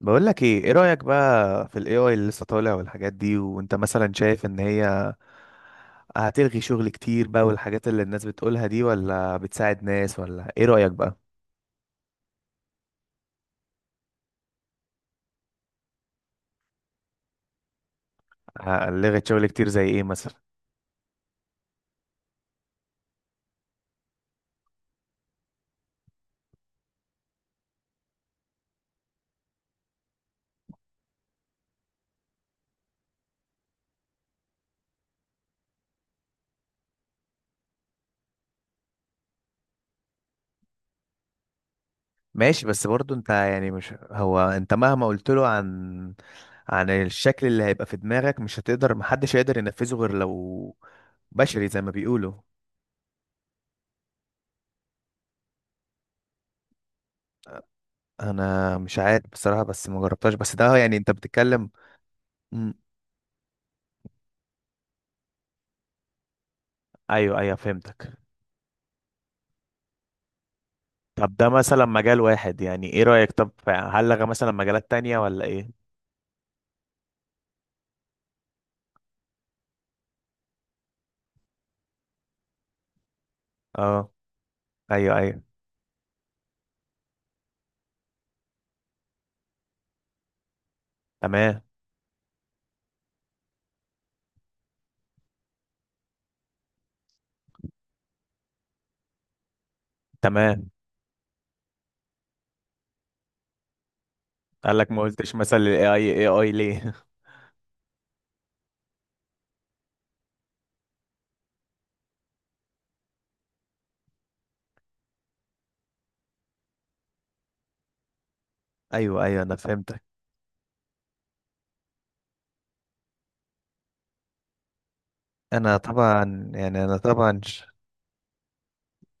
بقول لك ايه رأيك بقى في الاي اي اللي لسه طالع والحاجات دي؟ وانت مثلا شايف ان هي هتلغي شغل كتير بقى والحاجات اللي الناس بتقولها دي، ولا بتساعد ناس؟ ولا ايه رأيك بقى؟ لغت شغل كتير زي ايه مثلا؟ ماشي، بس برضو انت يعني مش هو انت مهما قلت له عن عن الشكل اللي هيبقى في دماغك، مش هتقدر محدش هيقدر ينفذه غير لو بشري زي ما بيقولوا. انا مش عارف بصراحة، بس ما جربتهاش، بس ده يعني انت بتتكلم. مم، ايوه ايوه، فهمتك. طب ده مثلا مجال واحد، يعني ايه رأيك؟ طب هل لغى مثلا مجالات تانية ولا ايه؟ اه، ايوه ايوه. تمام. تمام. قال لك ما قلتش مثلا الاي اي إيه اي ليه؟ ايوه ايوه، انا فهمتك. انا طبعا يعني انا طبعا ش-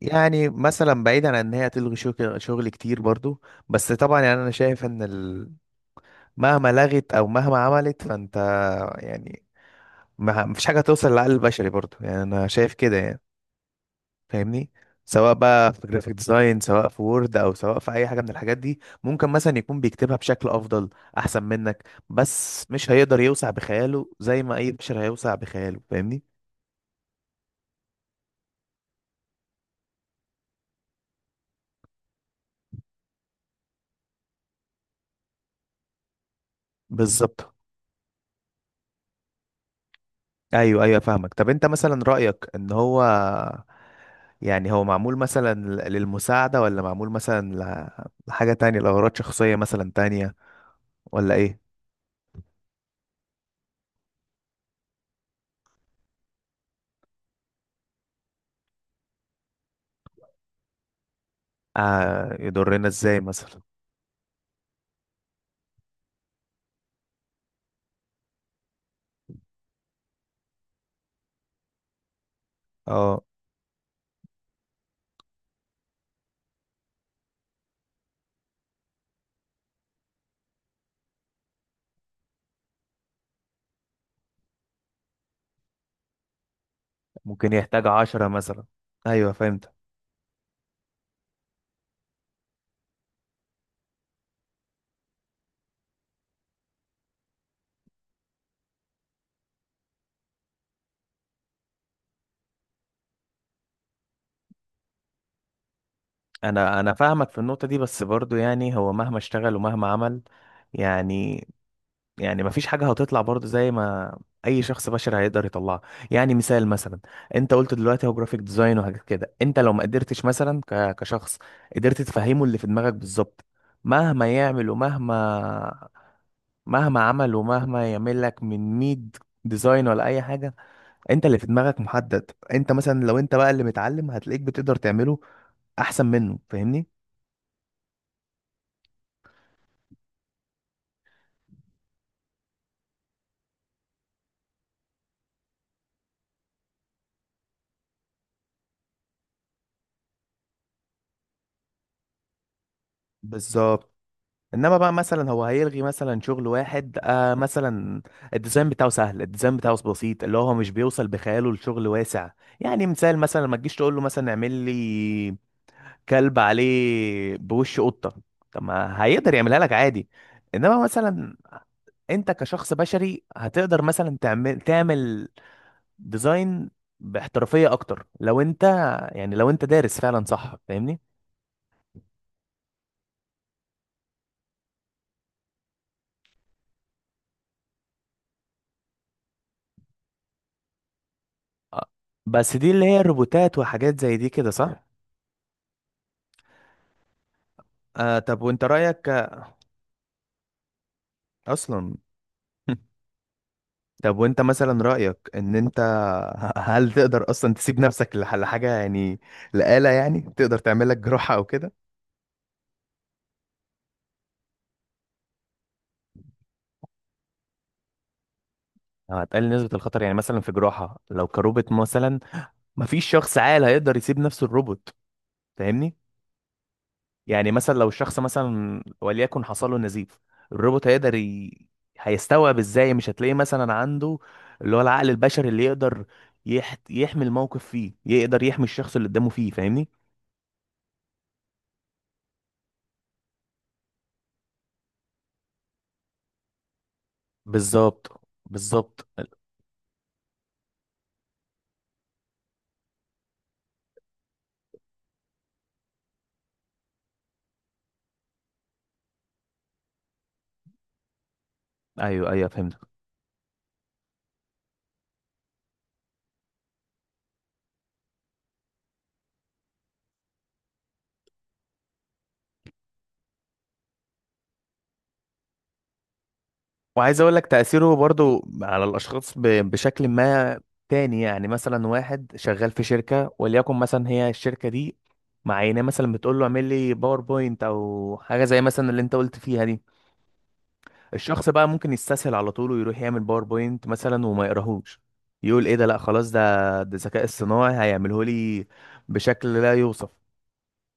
يعني مثلا بعيدا عن ان هي تلغي شغل كتير برضو، بس طبعا يعني انا شايف ان مهما لغت او مهما عملت فانت يعني ما مفيش حاجة توصل للعقل البشري برضو، يعني انا شايف كده يعني، فاهمني؟ سواء بقى في جرافيك ديزاين، سواء في وورد، او سواء في اي حاجه من الحاجات دي، ممكن مثلا يكون بيكتبها بشكل افضل احسن منك، بس مش هيقدر يوسع بخياله زي ما اي بشر هيوسع بخياله، فاهمني؟ بالظبط. ايوه ايوه، فاهمك. طب انت مثلا رايك ان هو يعني هو معمول مثلا للمساعده، ولا معمول مثلا لحاجه تانية لاغراض شخصيه مثلا تانية، ولا ايه؟ آه، يضرنا ازاي مثلا؟ اه، ممكن يحتاج عشرة مثلا. ايوه فهمت. انا فاهمك في النقطه دي، بس برضو يعني هو مهما اشتغل ومهما عمل، يعني، يعني مفيش حاجه هتطلع برضو زي ما اي شخص بشري هيقدر يطلعها. يعني مثال مثلا، انت قلت دلوقتي هو جرافيك ديزاين وحاجات كده، انت لو ما قدرتش مثلا كشخص قدرت تفهمه اللي في دماغك بالظبط، مهما يعمل ومهما مهما عمل ومهما يعمل لك من ميد ديزاين ولا اي حاجه، انت اللي في دماغك محدد. انت مثلا لو انت بقى اللي متعلم هتلاقيك بتقدر تعمله احسن منه، فاهمني؟ بالظبط. انما بقى مثلا هو هيلغي مثلا شغل واحد آه مثلا الديزاين بتاعه سهل، الديزاين بتاعه بسيط، اللي هو مش بيوصل بخياله لشغل واسع. يعني مثال مثلا، ما تجيش تقول له مثلا اعمل لي كلب عليه بوش قطة، طب ما هيقدر يعملها لك عادي. انما مثلا انت كشخص بشري هتقدر مثلا تعمل ديزاين باحترافية اكتر لو انت يعني لو انت دارس فعلا صح، فاهمني؟ آه، بس دي اللي هي الروبوتات وحاجات زي دي كده صح؟ آه، طب وانت رأيك آه، اصلا. طب وانت مثلا رأيك ان انت هل تقدر اصلا تسيب نفسك لحاجة، يعني لآلة، يعني تقدر تعمل لك جراحة او كده؟ لو هتقلل نسبة الخطر، يعني مثلا في جراحة لو كروبوت مثلا، مفيش شخص عاقل هيقدر يسيب نفسه الروبوت، فاهمني؟ يعني مثلا لو الشخص مثلا وليكن حصل له نزيف، الروبوت هيقدر هيستوعب ازاي؟ مش هتلاقيه مثلا عنده اللي هو العقل البشري اللي يقدر يحمي الموقف فيه، يقدر يحمي الشخص اللي قدامه فيه، فاهمني؟ بالظبط بالظبط. ايوه ايوه، فهمت. وعايز اقول لك تأثيره برضو على الاشخاص بشكل ما تاني، يعني مثلا واحد شغال في شركة، وليكن مثلا هي الشركة دي معينة مثلا بتقول له اعمل لي باوربوينت او حاجة زي مثلا اللي انت قلت فيها دي، الشخص بقى ممكن يستسهل على طول ويروح يعمل باوربوينت مثلا وما يقراهوش، يقول ايه ده، لا خلاص ده، ده الذكاء الصناعي هيعمله لي بشكل لا يوصف.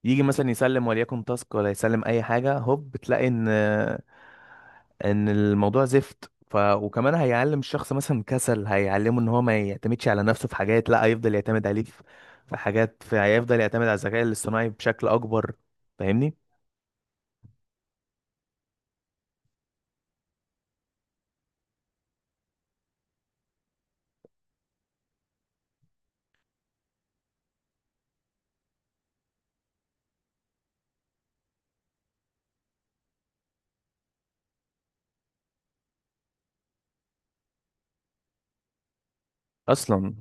يجي مثلا يسلم وليكن تاسك ولا يسلم اي حاجة، هوب بتلاقي ان ان الموضوع زفت. ف وكمان هيعلم الشخص مثلا كسل، هيعلمه ان هو ما يعتمدش على نفسه في حاجات، لا هيفضل يعتمد عليه في في حاجات في هيفضل يعتمد على الذكاء الاصطناعي بشكل اكبر، فاهمني؟ اصلا.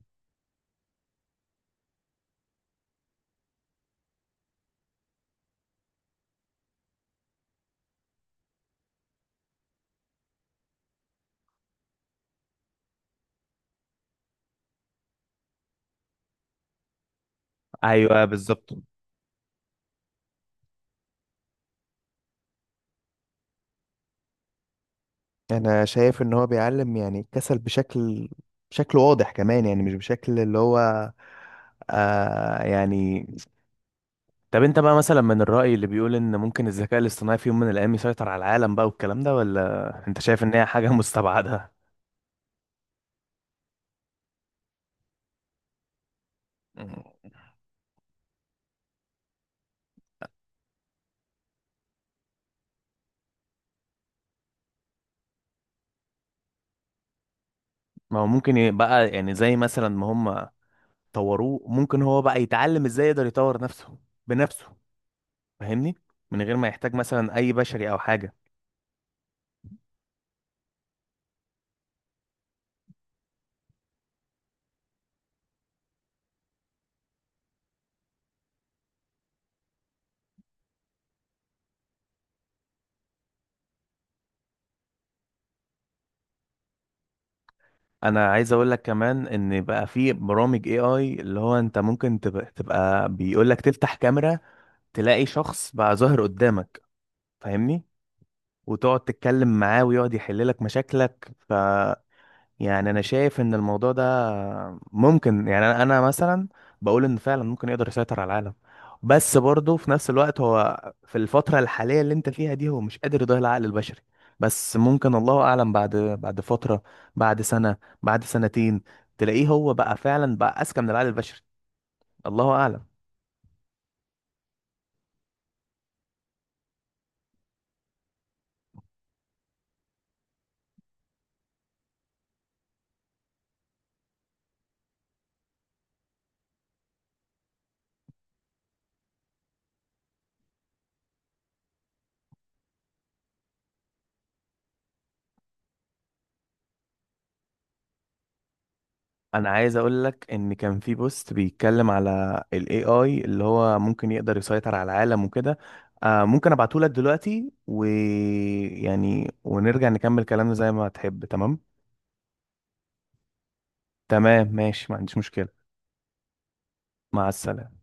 ايوه بالظبط. انا شايف ان هو بيعلم يعني الكسل بشكل بشكل واضح كمان، يعني مش بشكل اللي هو آه يعني. طب انت بقى مثلا من الرأي اللي بيقول ان ممكن الذكاء الاصطناعي في يوم من الايام يسيطر على العالم بقى والكلام ده، ولا انت شايف ان هي حاجة مستبعدة؟ ما هو ممكن يبقى يعني زي مثلا ما هم طوروه، ممكن هو بقى يتعلم ازاي يقدر يطور نفسه بنفسه، فاهمني؟ من غير ما يحتاج مثلا اي بشري او حاجه. انا عايز اقول لك كمان ان بقى في برامج اي اي اللي هو انت ممكن تبقى بيقول لك تفتح كاميرا، تلاقي شخص بقى ظاهر قدامك، فاهمني؟ وتقعد تتكلم معاه ويقعد يحل لك مشاكلك. يعني انا شايف ان الموضوع ده ممكن يعني انا مثلا بقول ان فعلا ممكن يقدر يسيطر على العالم، بس برضه في نفس الوقت هو في الفترة الحالية اللي انت فيها دي هو مش قادر يضاهي العقل البشري. بس ممكن الله اعلم بعد بعد فترة، بعد سنة، بعد سنتين، تلاقيه هو بقى فعلا بقى اذكى من العقل البشري، الله اعلم. انا عايز اقول لك ان كان في بوست بيتكلم على الاي اي اللي هو ممكن يقدر يسيطر على العالم وكده، آه ممكن ابعته لك دلوقتي ويعني ونرجع نكمل كلامنا زي ما تحب، تمام؟ تمام ماشي، ما عنديش مشكلة. مع السلامة.